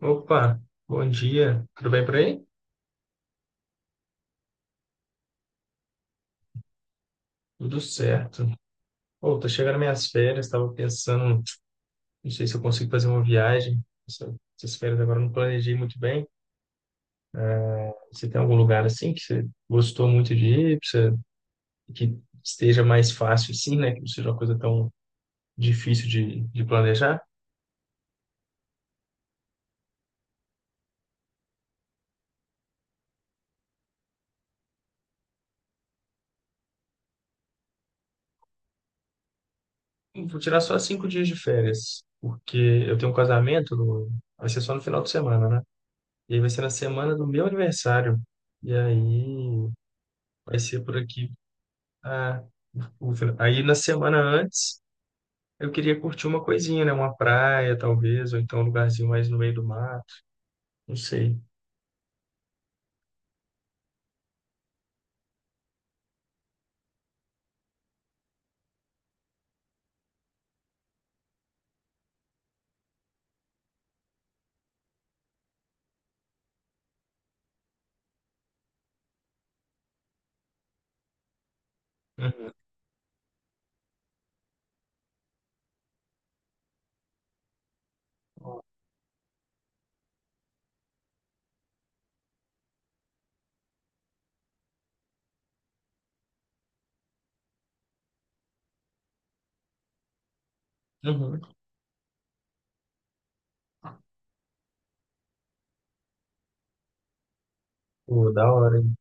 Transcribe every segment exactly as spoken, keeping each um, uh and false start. Opa, bom dia. Tudo bem por aí? Tudo certo. Pô, tô chegando minhas férias, tava pensando, não sei se eu consigo fazer uma viagem. Essa- Essas férias agora eu não planejei muito bem. Você tem algum lugar assim que você gostou muito de ir, que você- que esteja mais fácil assim, né? Que não seja uma coisa tão difícil de, de planejar? Vou tirar só cinco dias de férias, porque eu tenho um casamento, no- vai ser só no final de semana, né? E aí vai ser na semana do meu aniversário. E aí vai ser por aqui. Ah, ufa. Aí na semana antes, eu queria curtir uma coisinha, né? Uma praia, talvez, ou então um lugarzinho mais no meio do mar, não sei. Uhum. Uhum. Pô, da hora, hein?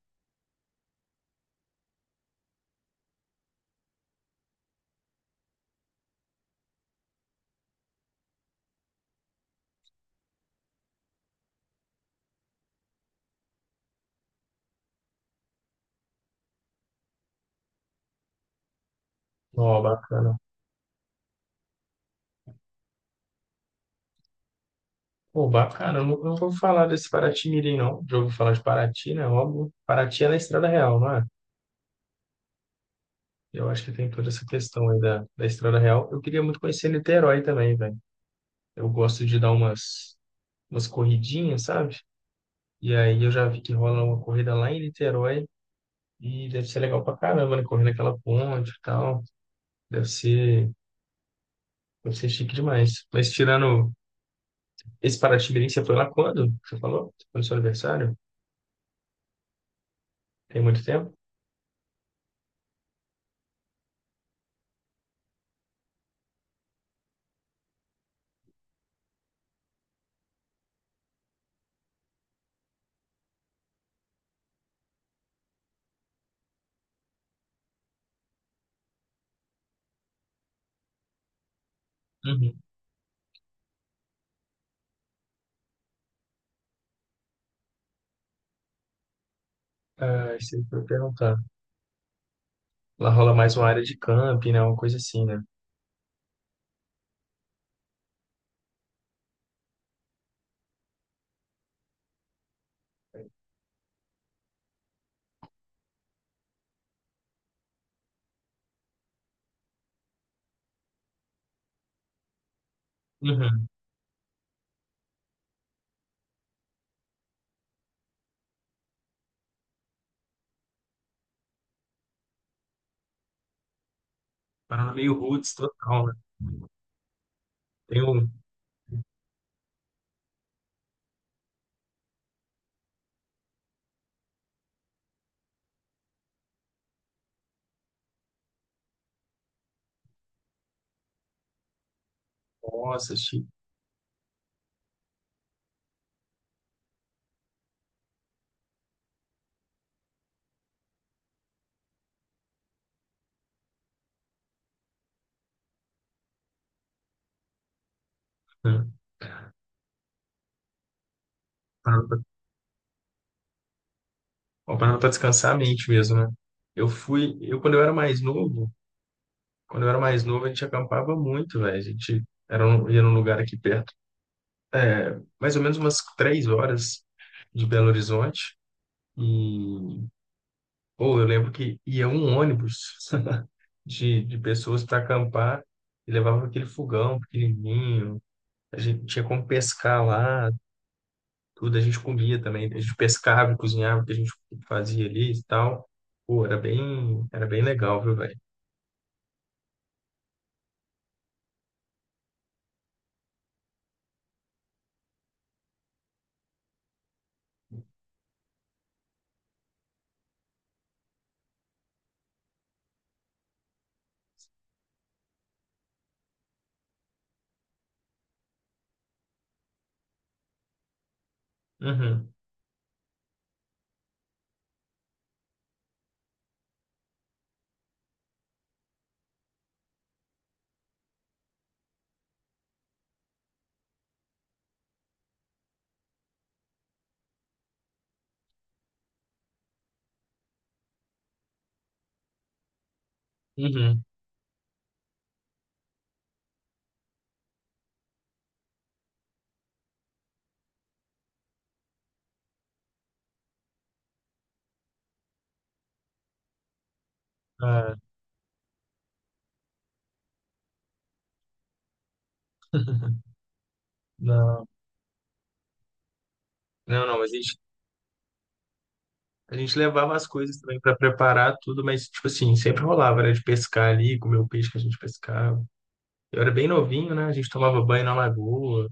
Ó, bacana. Pô, bacana. Eu não, não vou falar desse Paraty-Mirim, não. Já ouvi falar de Paraty, né? Óbvio. Paraty é na Estrada Real, não é? Eu acho que tem toda essa questão aí da, da Estrada Real. Eu queria muito conhecer Niterói também, velho. Eu gosto de dar umas, umas corridinhas, sabe? E aí eu já vi que rola uma corrida lá em Niterói. E deve ser legal pra caramba, né? Correndo aquela ponte e tal. Deve ser, deve ser chique demais. Mas tirando esse Paraty-Mirim, você foi lá quando? Você falou? Foi no seu aniversário? Tem muito tempo? Uhum. Ah, isso aí que eu ia perguntar. Lá rola mais uma área de camping, né? Uma coisa assim, né? Uhum. Parada meio roots total, né? Tem um... Nossa, chique. Uhum. Parada pra Uma parada pra descansar a mente mesmo, né? Eu fui... Eu, quando eu era mais novo... Quando eu era mais novo, a gente acampava muito, velho. A gente era um, ia num lugar aqui perto, é, mais ou menos umas três horas de Belo Horizonte. E, pô, eu lembro que ia um ônibus de, de pessoas para acampar e levava aquele fogão pequenininho. A gente tinha como pescar lá, tudo a gente comia também. A gente pescava e cozinhava o que a gente fazia ali e tal. Pô, era bem, era bem legal, viu, velho? Uhum, uhum. Ah, não. Não, não, mas a gente. A gente levava as coisas também para preparar tudo, mas, tipo assim, sempre rolava, era de pescar ali, comer o peixe que a gente pescava. Eu era bem novinho, né? A gente tomava banho na lagoa.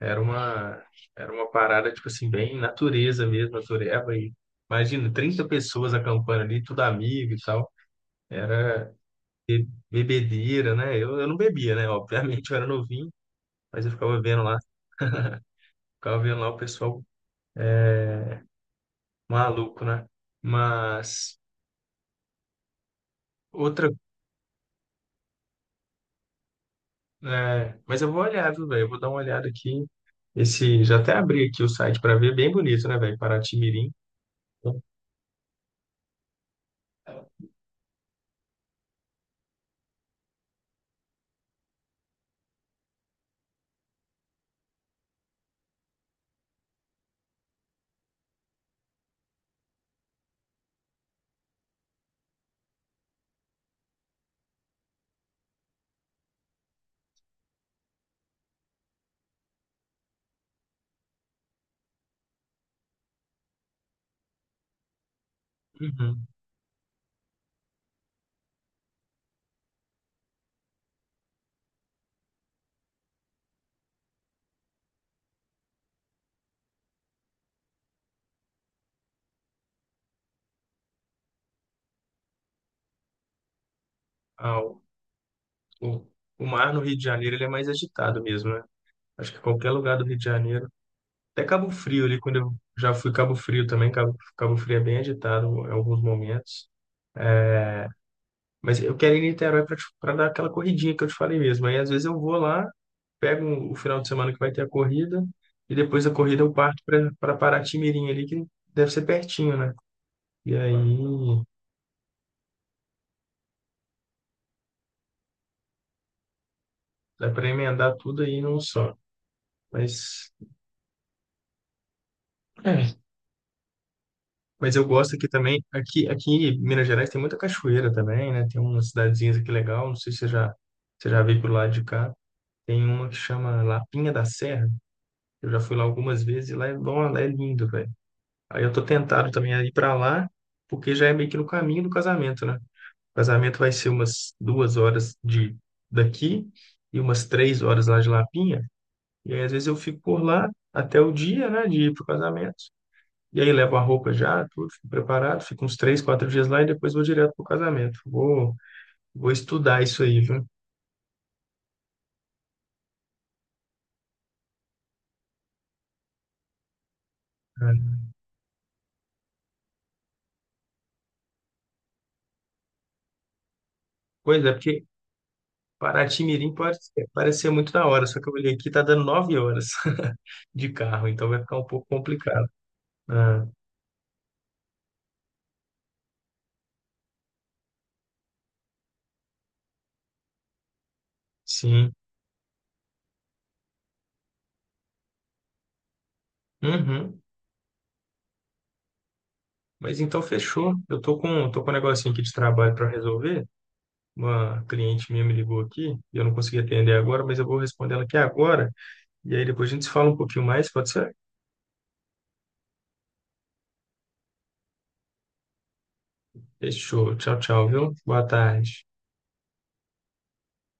Era uma, era uma parada, tipo assim, bem natureza mesmo, natureba. E, imagina, trinta pessoas acampando ali, tudo amigo e tal. Era be- bebedeira, né? Eu, eu não bebia, né? Obviamente, eu era novinho, mas eu ficava vendo lá, ficava vendo lá o pessoal maluco, né? Mas outra. É, mas eu vou olhar, viu, velho? Eu vou dar uma olhada aqui. Esse, já até abri aqui o site para ver, é bem bonito, né, velho? Paraty-Mirim. Uhum. Ah, o, o, o mar no Rio de Janeiro ele é mais agitado mesmo, né? Acho que qualquer lugar do Rio de Janeiro. Até Cabo Frio ali, quando eu já fui Cabo Frio também, Cabo, Cabo Frio é bem agitado em alguns momentos. Mas eu quero ir em Niterói para dar aquela corridinha que eu te falei mesmo. Aí às vezes eu vou lá, pego um, o final de semana que vai ter a corrida, e depois da corrida eu parto para Paraty-Mirim ali, que deve ser pertinho, né? E aí dá para emendar tudo aí num só. Mas, é. Mas eu gosto aqui também. Aqui, aqui em Minas Gerais tem muita cachoeira também, né? Tem umas cidadezinhas aqui legal. Não sei se você já, você já veio pro lado de cá. Tem uma que chama Lapinha da Serra. Eu já fui lá algumas vezes e lá é, bom, lá é lindo, velho. Aí eu tô tentado também a ir para lá, porque já é meio que no caminho do casamento, né? O casamento vai ser umas duas horas de daqui e umas três horas lá de Lapinha. E aí, às vezes, eu fico por lá até o dia, né, de ir pro casamento. E aí, levo a roupa já, tudo, fico preparado, fico uns três, quatro dias lá e depois vou direto pro casamento. Vou, vou estudar isso aí, viu? É. Pois é, porque Paraty-Mirim pode ser- parece ser muito da hora, só que eu olhei aqui, tá dando nove horas de carro, então vai ficar um pouco complicado. Ah, sim. Uhum. Mas então fechou. Eu tô com, tô com um negocinho aqui de trabalho para resolver. Uma cliente minha me ligou aqui e eu não consegui atender agora, mas eu vou responder ela aqui agora. E aí depois a gente se fala um pouquinho mais, pode ser? Fechou. Tchau, tchau, viu? Boa tarde.